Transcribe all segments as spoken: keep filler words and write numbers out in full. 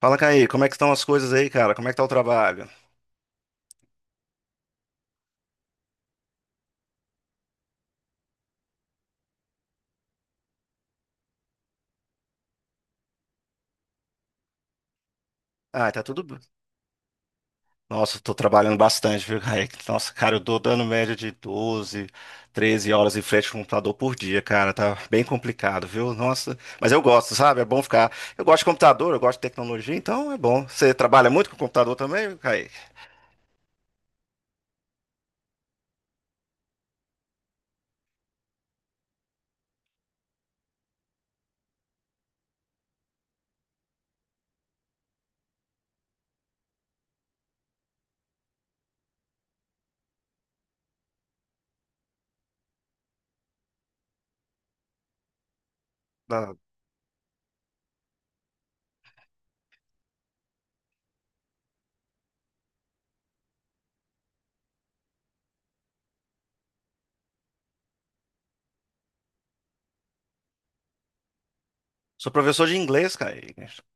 Fala, Caí, como é que estão as coisas aí, cara? Como é que tá o trabalho? Ah, tá tudo. b- Nossa, eu tô trabalhando bastante, viu, Caí? Nossa, cara, eu tô dando média de doze, treze horas em frente ao computador por dia, cara. Tá bem complicado, viu? Nossa, mas eu gosto, sabe? É bom ficar. Eu gosto de computador, eu gosto de tecnologia, então é bom. Você trabalha muito com computador também, Caí? Sou professor de inglês, cara.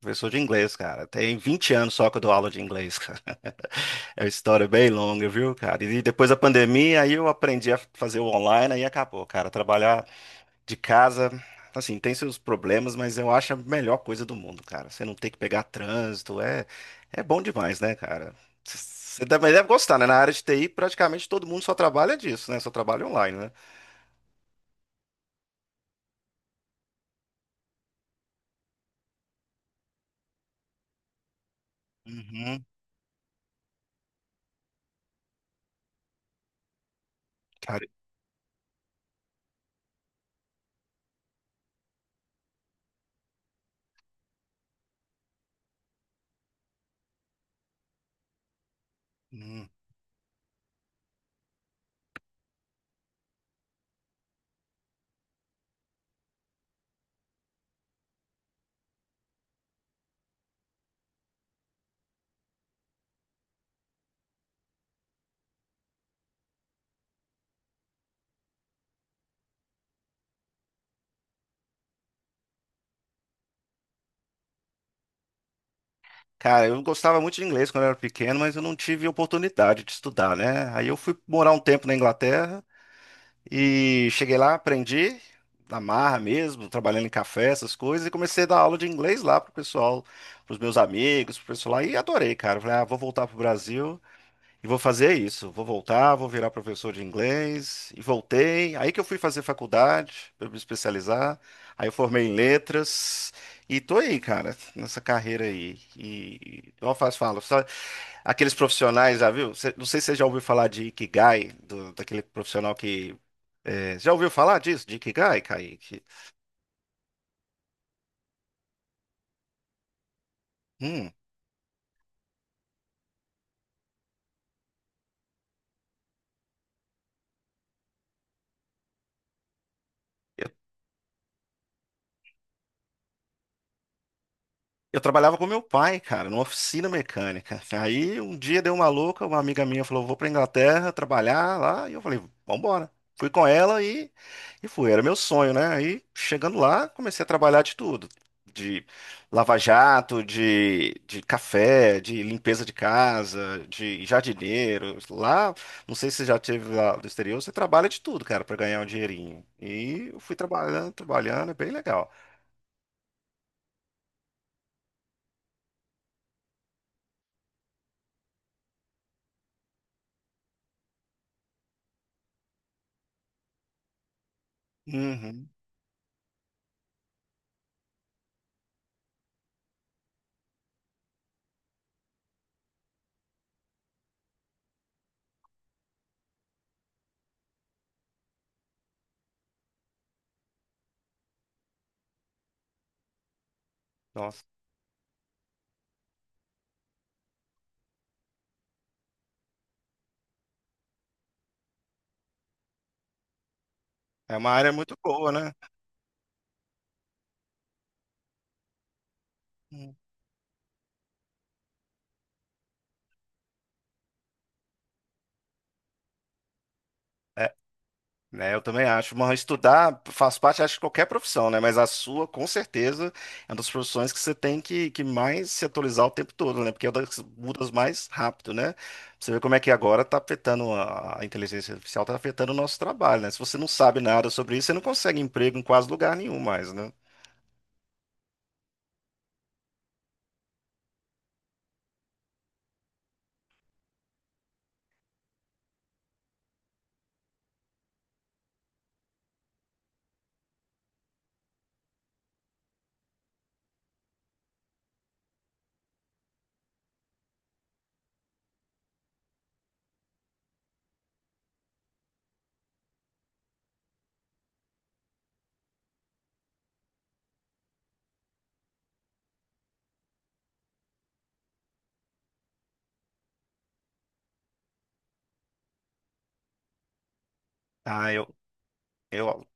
Professor de inglês, cara. Tem vinte anos só que eu dou aula de inglês, cara. É uma história bem longa, viu, cara? E depois da pandemia, aí eu aprendi a fazer o online, aí acabou, cara. Trabalhar de casa, assim, tem seus problemas, mas eu acho a melhor coisa do mundo, cara. Você não tem que pegar trânsito, é, é bom demais, né, cara? C- Você também deve gostar, né? Na área de T I, praticamente todo mundo só trabalha disso, né? Só trabalha online, né? Uhum, cara. Hum. Cara, eu gostava muito de inglês quando eu era pequeno, mas eu não tive oportunidade de estudar, né? Aí eu fui morar um tempo na Inglaterra e cheguei lá, aprendi na marra mesmo, trabalhando em café, essas coisas, e comecei a dar aula de inglês lá pro pessoal, pros meus amigos, pro pessoal lá, e adorei, cara. Falei, ah, vou voltar pro Brasil e vou fazer isso, vou voltar, vou virar professor de inglês, e voltei. Aí que eu fui fazer faculdade, para me especializar, aí eu formei em letras, e tô aí, cara, nessa carreira aí. E, igual eu faço, falo, sabe, aqueles profissionais, já viu? Cê- não sei se você já ouviu falar de Ikigai, do- daquele profissional que. É, já ouviu falar disso, de Ikigai, Kaique? Hum. Eu trabalhava com meu pai, cara, numa oficina mecânica. Aí um dia deu uma louca, uma amiga minha falou: vou pra Inglaterra trabalhar lá. E eu falei: vambora. Fui com ela e, e fui. Era meu sonho, né? Aí chegando lá, comecei a trabalhar de tudo: de lava-jato, de, de café, de limpeza de casa, de jardineiro. Lá, não sei se você já teve lá do exterior, você trabalha de tudo, cara, pra ganhar um dinheirinho. E eu fui trabalhando, trabalhando, é bem legal. Uhum. Nossa. É uma área muito boa, né? Hum. É, né, eu também acho. Mas estudar faz parte, acho, de qualquer profissão, né? Mas a sua, com certeza, é uma das profissões que você tem que, que mais se atualizar o tempo todo, né? Porque é uma das que mudas mais rápido, né? Você vê como é que agora está afetando a, a inteligência artificial, está afetando o nosso trabalho, né? Se você não sabe nada sobre isso, você não consegue emprego em quase lugar nenhum mais, né? Ah, eu, eu,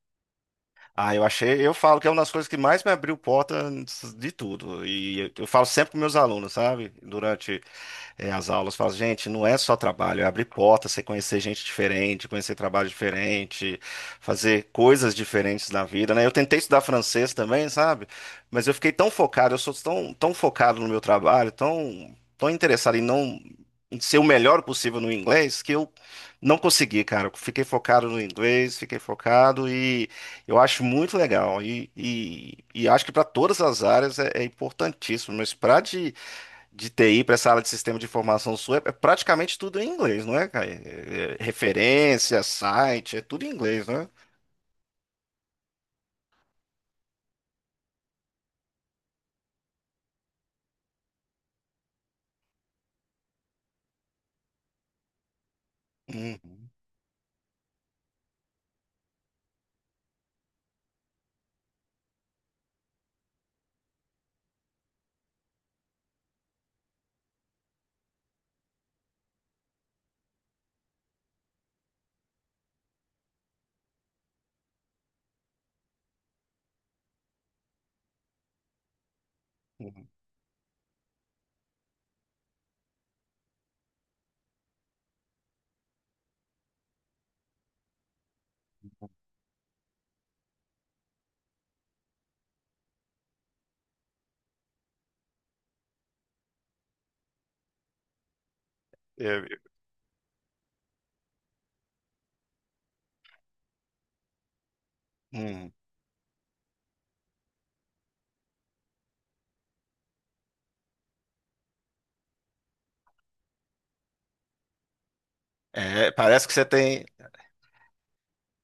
ah, eu achei, eu falo que é uma das coisas que mais me abriu porta de tudo. E eu, eu falo sempre com meus alunos, sabe? Durante é, as aulas, fala, gente, não é só trabalho, é abrir porta, você conhecer gente diferente, conhecer trabalho diferente, fazer coisas diferentes na vida, né? Eu tentei estudar francês também, sabe? Mas eu fiquei tão focado, eu sou tão, tão focado no meu trabalho, tão, tão interessado em não em ser o melhor possível no inglês, que eu não consegui, cara. Eu fiquei focado no inglês, fiquei focado e eu acho muito legal. E, e, e acho que para todas as áreas é, é importantíssimo, mas para de de T I para essa área de sistema de informação sua, é praticamente tudo em inglês, não é, Caio? É, é, referência, site, é tudo em inglês, né? Uhum, uhum. É, uhum. É, parece que você tem,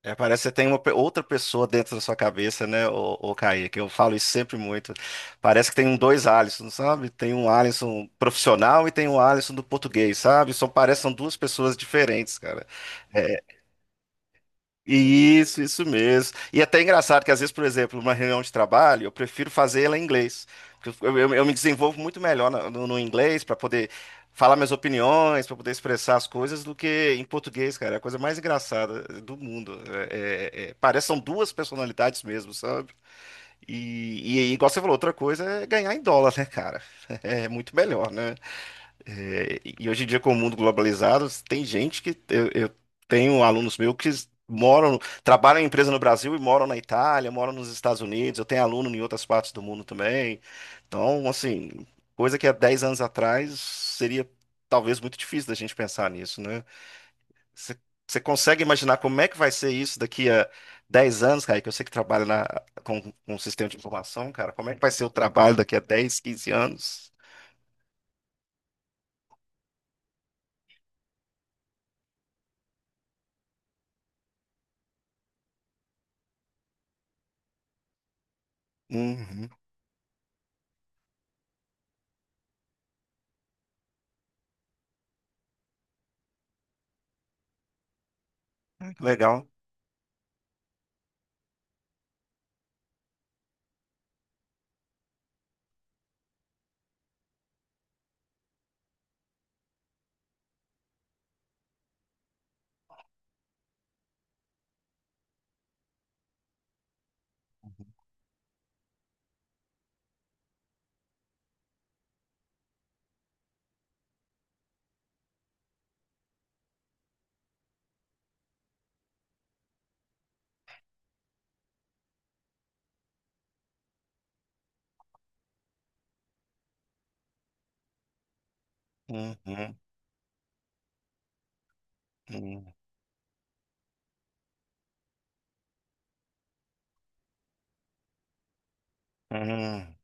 é, parece que você tem uma pe- outra pessoa dentro da sua cabeça, né, ô, ô Kaique? Eu falo isso sempre muito. Parece que tem um dois Alisson, sabe? Tem um Alisson profissional e tem um Alisson do português, sabe? São, parecem duas pessoas diferentes, cara. É, Isso, isso mesmo. E até é engraçado que às vezes, por exemplo, uma reunião de trabalho, eu prefiro fazer ela em inglês. Porque eu, eu- eu me desenvolvo muito melhor na- no, no inglês para poder falar minhas opiniões, para poder expressar as coisas, do que em português, cara. É a coisa mais engraçada do mundo. É, é, é- parece que são duas personalidades mesmo, sabe? E, e, igual você falou, outra coisa é ganhar em dólar, né, cara? É muito melhor, né? É, e hoje em dia, com o mundo globalizado, tem gente que eu, eu tenho alunos meus que moram, trabalham em empresa no Brasil e moram na Itália, moram nos Estados Unidos. Eu tenho aluno em outras partes do mundo também. Então, assim, coisa que há dez anos atrás seria talvez muito difícil da gente pensar nisso, né? Você você consegue imaginar como é que vai ser isso daqui a dez anos, cara? Que eu sei que trabalha na, com, com o sistema de informação, cara. Como é que vai ser o trabalho daqui a dez, quinze anos? Uhum, legal. Uhum. Hum, hum,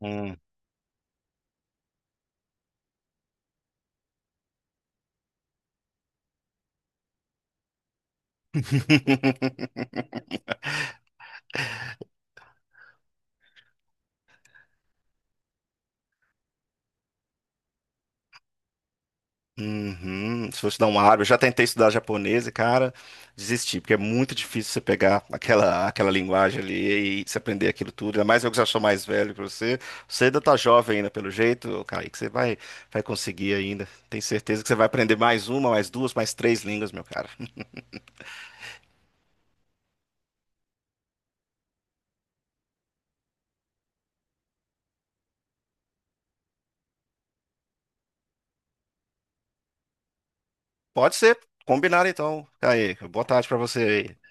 hum. Uhum. Se fosse dar uma árvore, eu já tentei estudar japonês e, cara, desisti, porque é muito difícil você pegar aquela, aquela linguagem ali e se aprender aquilo tudo. Ainda mais eu que já sou mais velho que você. Você ainda tá jovem ainda, pelo jeito, cara, que você vai, vai conseguir ainda. Tenho certeza que você vai aprender mais uma, mais duas, mais três línguas, meu cara. Pode ser, combinado então. Aí, boa tarde pra você aí.